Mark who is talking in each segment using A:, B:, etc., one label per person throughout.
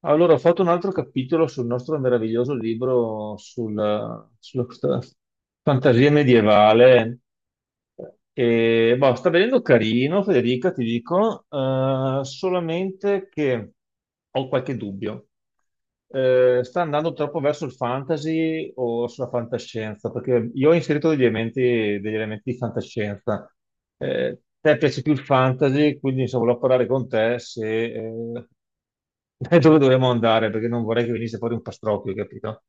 A: Allora, ho fatto un altro capitolo sul nostro meraviglioso libro sulla questa fantasia medievale. E, boh, sta venendo carino, Federica, ti dico, solamente che ho qualche dubbio. Sta andando troppo verso il fantasy o sulla fantascienza, perché io ho inserito degli elementi di fantascienza. Te piace più il fantasy, quindi insomma, volevo parlare con te se, dove dovremmo andare, perché non vorrei che venisse fuori un pastrocchio, capito?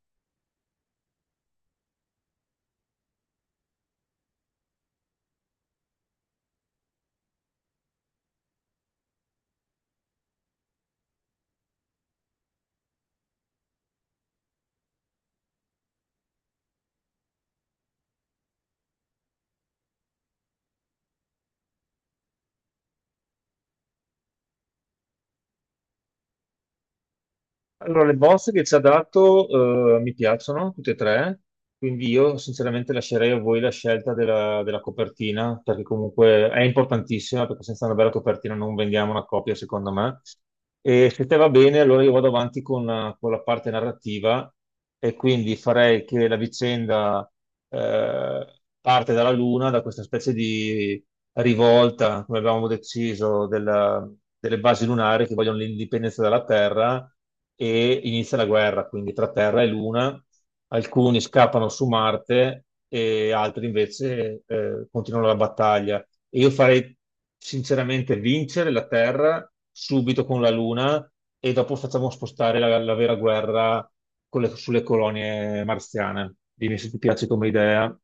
A: Allora, le bozze che ci ha dato, mi piacciono tutte e tre, quindi io sinceramente lascerei a voi la scelta della copertina, perché comunque è importantissima, perché senza una bella copertina non vendiamo una copia, secondo me. E se te va bene, allora io vado avanti con la parte narrativa, e quindi farei che la vicenda, eh, parte dalla Luna, da questa specie di rivolta, come avevamo deciso, delle basi lunari che vogliono l'indipendenza dalla Terra, e inizia la guerra, quindi tra Terra e Luna. Alcuni scappano su Marte e altri invece continuano la battaglia. E io farei sinceramente vincere la Terra subito con la Luna, e dopo facciamo spostare la vera guerra sulle colonie marziane. Dimmi se ti piace come idea.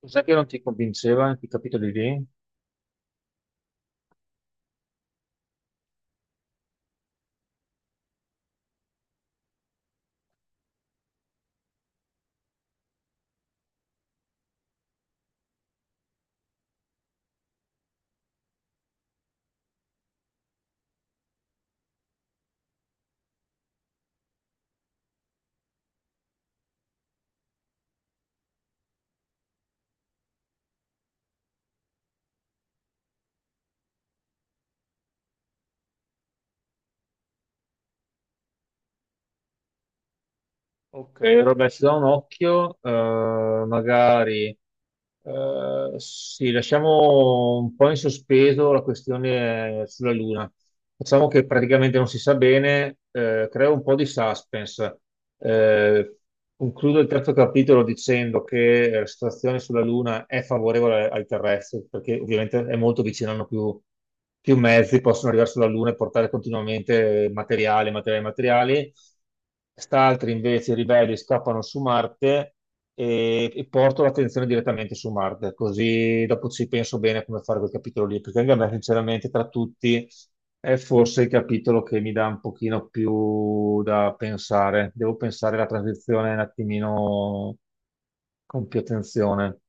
A: Cos'è che non ti convinceva in quei capitoli lì? Ok, Roba, ci do un occhio, magari sì, lasciamo un po' in sospeso la questione sulla Luna. Facciamo che praticamente non si sa bene, creo un po' di suspense. Eh, Concludo il terzo capitolo dicendo che la situazione sulla Luna è favorevole ai terrestri, perché ovviamente è molto vicino, hanno più, più mezzi, possono arrivare sulla Luna e portare continuamente materiali, materiali, materiali. Quest'altri invece, i ribelli, scappano su Marte e porto l'attenzione direttamente su Marte, così dopo ci penso bene come fare quel capitolo lì, perché anche a me, sinceramente, tra tutti è forse il capitolo che mi dà un pochino più da pensare. Devo pensare alla transizione un attimino con più attenzione.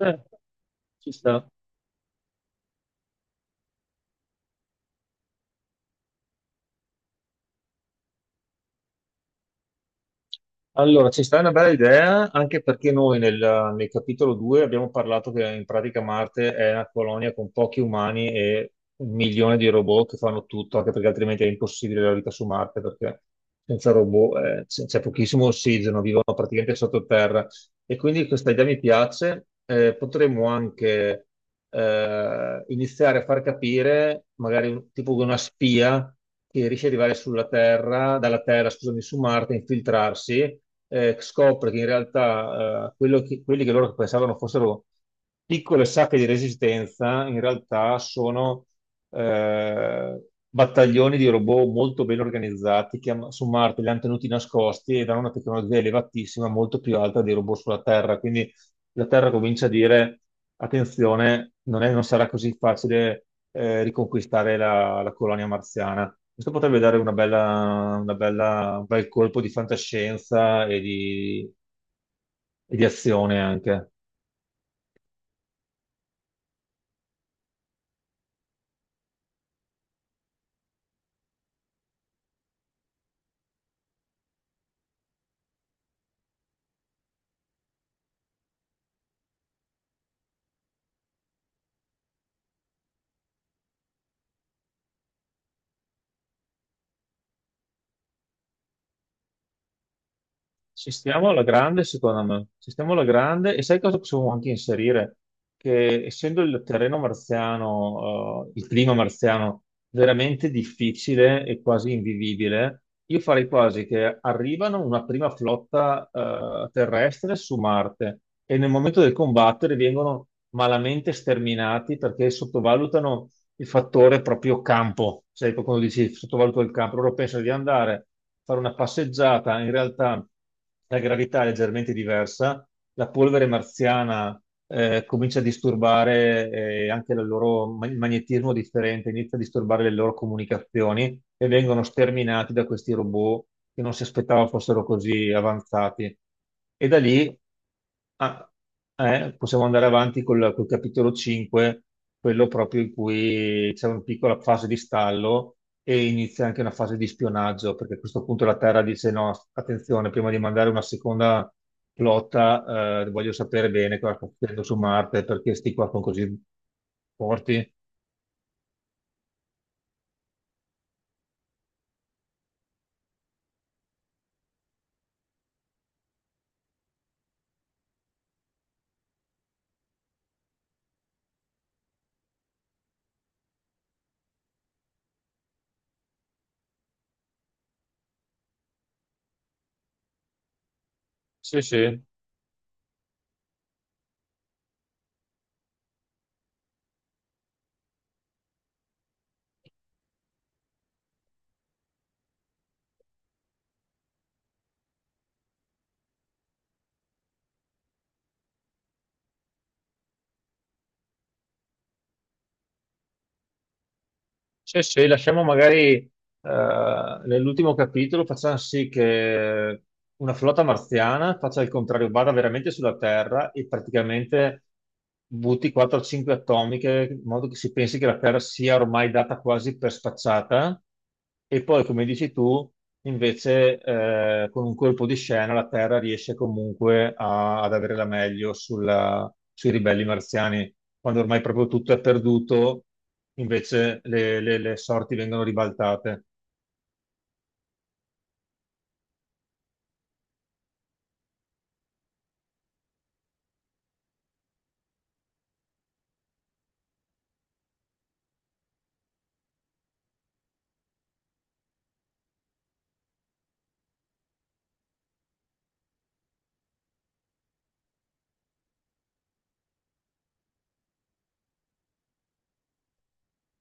A: Eh, ci sta. Allora, ci sta una bella idea, anche perché noi nel capitolo 2 abbiamo parlato che in pratica Marte è una colonia con pochi umani e un milione di robot che fanno tutto, anche perché altrimenti è impossibile la vita su Marte, perché senza robot c'è pochissimo ossigeno, vivono praticamente sottoterra. E quindi questa idea mi piace. Potremmo anche iniziare a far capire, magari tipo una spia che riesce ad arrivare sulla Terra, dalla Terra, scusami, su Marte, infiltrarsi, scopre che in realtà quelli che loro pensavano fossero piccole sacche di resistenza, in realtà sono eh, battaglioni di robot molto ben organizzati che su Marte li hanno tenuti nascosti ed hanno una tecnologia elevatissima, molto più alta dei robot sulla Terra. Quindi la Terra comincia a dire: attenzione, non sarà così facile riconquistare la colonia marziana. Questo potrebbe dare un bel colpo di fantascienza e di azione anche. Ci stiamo alla grande, secondo me. Ci stiamo alla grande e sai cosa possiamo anche inserire? Che essendo il terreno marziano, il clima marziano veramente difficile e quasi invivibile, io farei quasi che arrivano una prima flotta, terrestre su Marte, e nel momento del combattere vengono malamente sterminati perché sottovalutano il fattore proprio campo. Sai, quando dici sottovaluto il campo, loro pensano di andare a fare una passeggiata, in realtà la gravità è leggermente diversa, la polvere marziana comincia a disturbare anche il loro il magnetismo differente, inizia a disturbare le loro comunicazioni e vengono sterminati da questi robot che non si aspettava fossero così avanzati. E da lì ah, possiamo andare avanti col capitolo 5, quello proprio in cui c'è una piccola fase di stallo e inizia anche una fase di spionaggio, perché a questo punto la Terra dice no, attenzione, prima di mandare una seconda flotta, voglio sapere bene cosa sta succedendo su Marte, perché sti qua sono così forti. Sì, sì, sì, sì, lasciamo magari nell'ultimo capitolo, facciamo sì che una flotta marziana faccia il contrario, vada veramente sulla Terra e praticamente butti 4-5 atomiche, in modo che si pensi che la Terra sia ormai data quasi per spacciata. E poi, come dici tu, invece, con un colpo di scena la Terra riesce comunque ad avere la meglio sui ribelli marziani. Quando ormai proprio tutto è perduto, invece le sorti vengono ribaltate.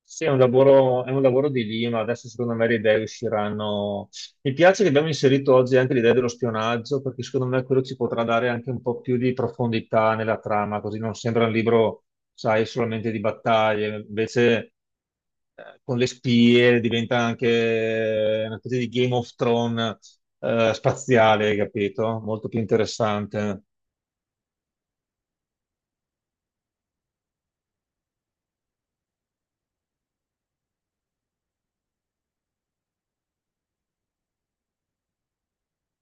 A: Sì, è un lavoro di lima, adesso secondo me le idee usciranno. Mi piace che abbiamo inserito oggi anche l'idea dello spionaggio, perché secondo me quello ci potrà dare anche un po' più di profondità nella trama, così non sembra un libro, sai, solamente di battaglie, invece con le spie diventa anche una specie di Game of Thrones spaziale, capito? Molto più interessante.